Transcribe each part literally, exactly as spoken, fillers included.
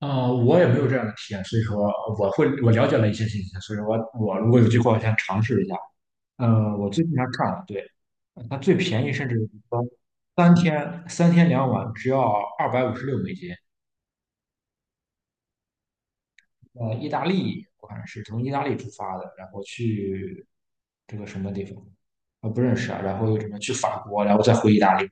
嗯，我也没有这样的体验，所以说我会我了解了一些信息，所以说我我如果有机会，我先尝试一下。嗯，我最近还看了，对，它最便宜，甚至说三天三天两晚只要二百五十六美金。呃，意大利，我看是从意大利出发的，然后去这个什么地方，我不认识啊，然后又什么去法国，然后再回意大利。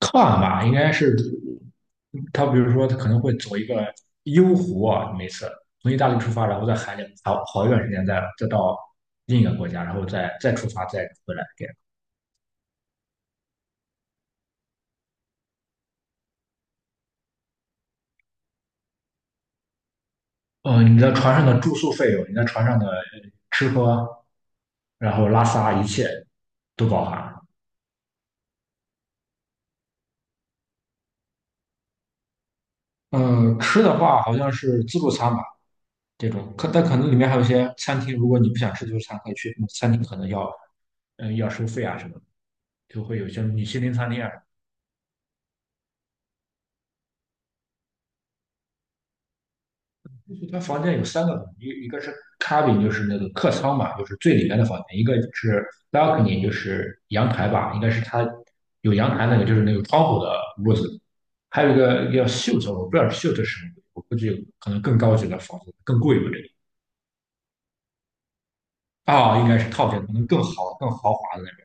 看吧，应该是他，比如说他可能会走一个幽湖啊，每次从意大利出发，然后在海里好好一段时间再，再到另一个国家，然后再再出发，再回来这样。呃你的船上的住宿费用，你在船上的呃吃喝，然后拉撒一切都包含。嗯，吃的话好像是自助餐吧，这种，可但可能里面还有一些餐厅，如果你不想吃自助餐，可以去餐厅，可能要嗯要收费啊什么的，就会有一些米其林餐厅啊。就他房间有三个，一一个是 cabin,就是那个客舱嘛，就是最里面的房间；一个是 balcony,就是阳台吧，应该是他有阳台那个，就是那个窗户的屋子；还有一个叫 suite,我不知道 suite 是什么，我估计可能更高级的房子更贵吧，这个啊，应该是套间，可能更好、更豪华的那种。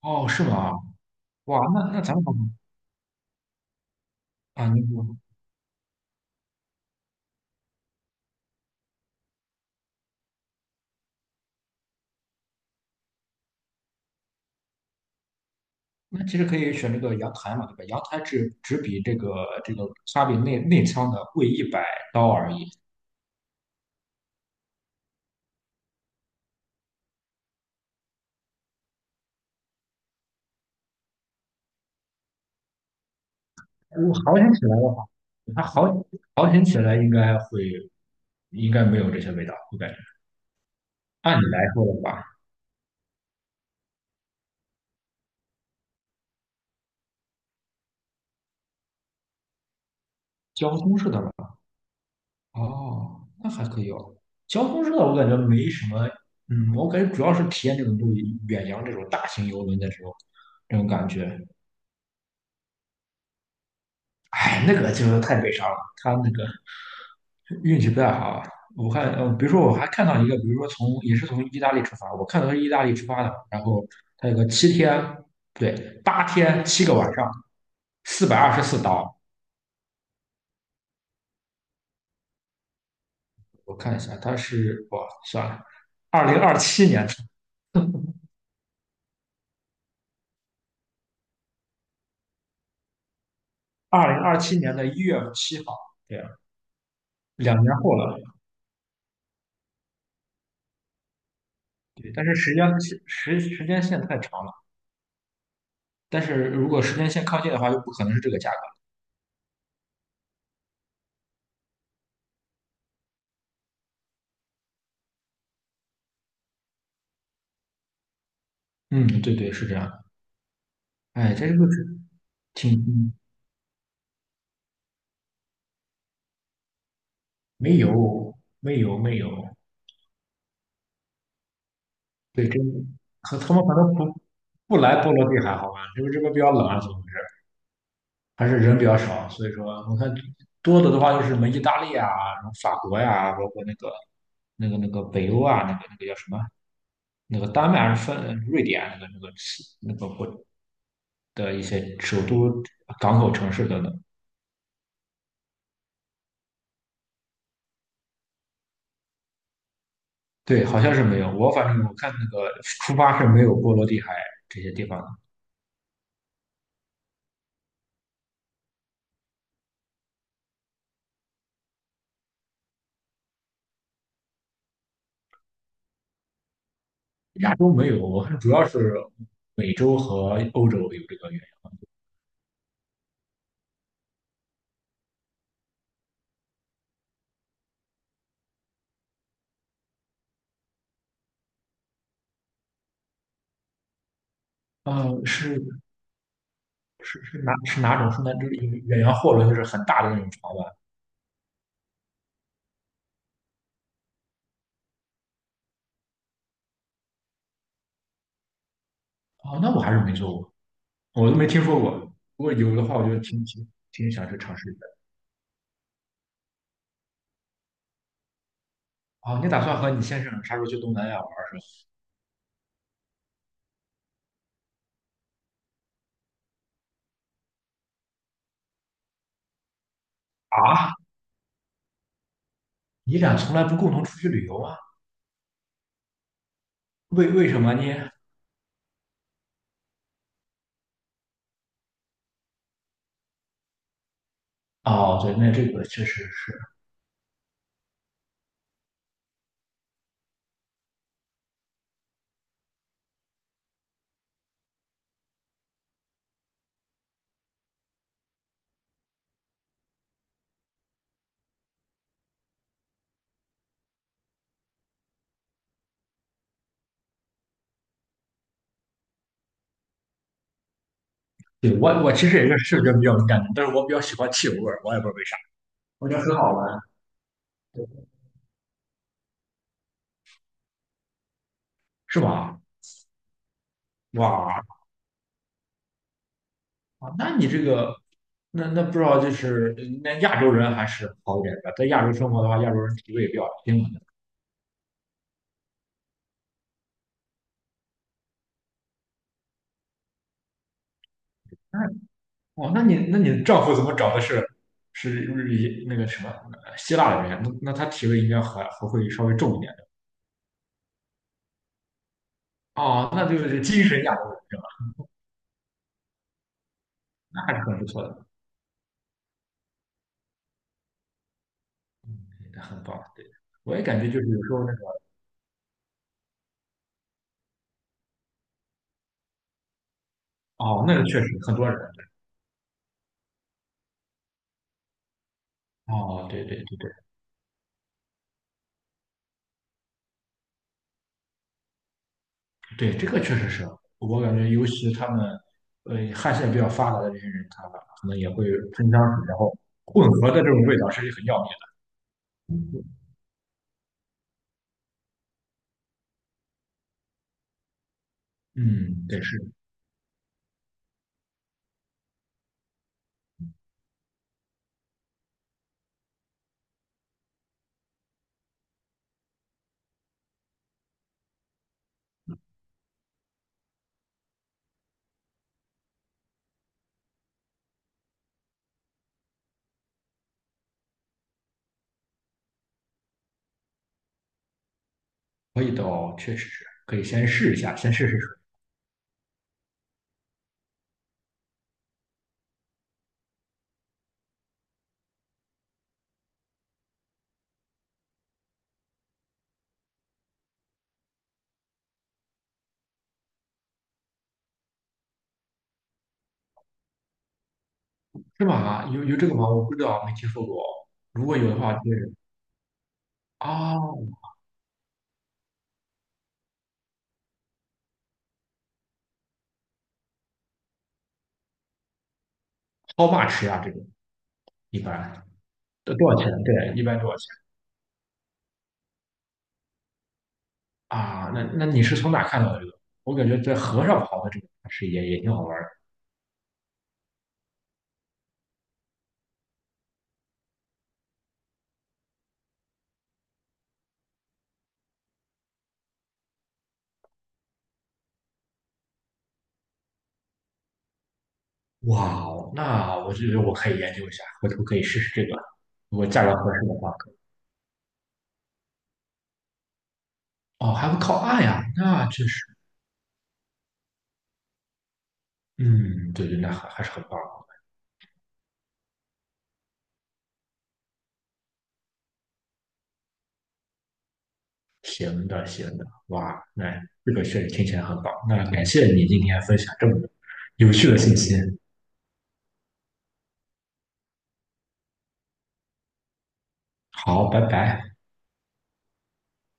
哦，是吗？哇，那那咱们啊，你我那其实可以选这个阳台嘛，对吧？阳台只只比这个这个 cabin 内内舱的贵一百刀而已。我好行起来的话，它好好行起来应该会应该没有这些味道，我感觉。按理来说的话，交通式的吧，哦，那还可以哦。交通式的我感觉没什么，嗯，我感觉主要是体验这种就远洋这种大型游轮的时候这种感觉。哎，那个就是太悲伤了，它那个。运气不太好啊。我看，呃，比如说我还看到一个，比如说从也是从意大利出发，我看到是意大利出发的，然后它有个七天，不对，八天七个晚上，四百二十四刀。我看一下，它是哇，算了，二零二七年，二零二七年的一月七号，对啊，两年后了。对，但是时间时时间线太长了，但是如果时间线靠近的话，就不可能是这个价格。嗯，对对，是这样的。哎，这就是挺嗯没有，没有，没有。对，真可他们可能不不来波罗的海好吧？因为这边比较冷啊，怎么回事？还是人比较少，所以说我看多的的话就是什么意大利啊，什么法国呀、包括那个那个那个北欧啊，那个那个叫什么？那个丹麦还是芬瑞典啊那个那个那个国的一些首都港口城市等等。对，好像是没有。我反正我看那个出发是没有波罗的海这些地方。亚洲没有，我看主要是美洲和欧洲有这个远洋。呃，是是是哪是哪种？是那就是远洋货轮，就是很大的那种船吧？哦，那我还是没坐过，我都没听说过。如果有的话，我就挺挺挺想去尝试一下。哦，你打算和你先生啥时候去东南亚玩儿是吧？啊，你俩从来不共同出去旅游啊？为为什么呢？哦，对，那这个确实是，对我我其实也是视觉比较敏感的，但是我比较喜欢汽油味儿，我也不知道为啥，我觉得很好闻，对，是吧？哇，啊，那你这个，那那不知道就是那亚洲人还是好一点的，在亚洲生活的话，亚洲人脾胃比较平稳的。那哦，那你那你丈夫怎么找的是是日那个什么呃希腊的人？那那他体味应该还还会稍微重一点的。哦，那就是精神亚洲人是吧？那还是很不错的，很棒。对，我也感觉就是有时候那个哦，那个确实很多人。哦，对对对对。对，这个确实是，我感觉尤其他们，呃，汗腺比较发达的这些人，他可能也会喷香水，然后混合的这种味道是很要命的。嗯，对，是。味道确实是可以先试一下，先试试水，是吧？有有这个吗？我不知道，没听说过。如果有的话，就是啊，how much 啊？这个一般多多少钱？对，一般多少钱啊？那那你是从哪看到的这个？我感觉在河上跑的这个还是也也挺好玩的。哇哦，那我觉得我可以研究一下，回头可以试试这个。如果价格合适的话可以，哦，还会靠岸呀，那确实，嗯，对对，那还还是很棒。行的，行的，哇，那这个确实听起来很棒。那感谢你今天分享这么多有趣的信息。好，拜拜。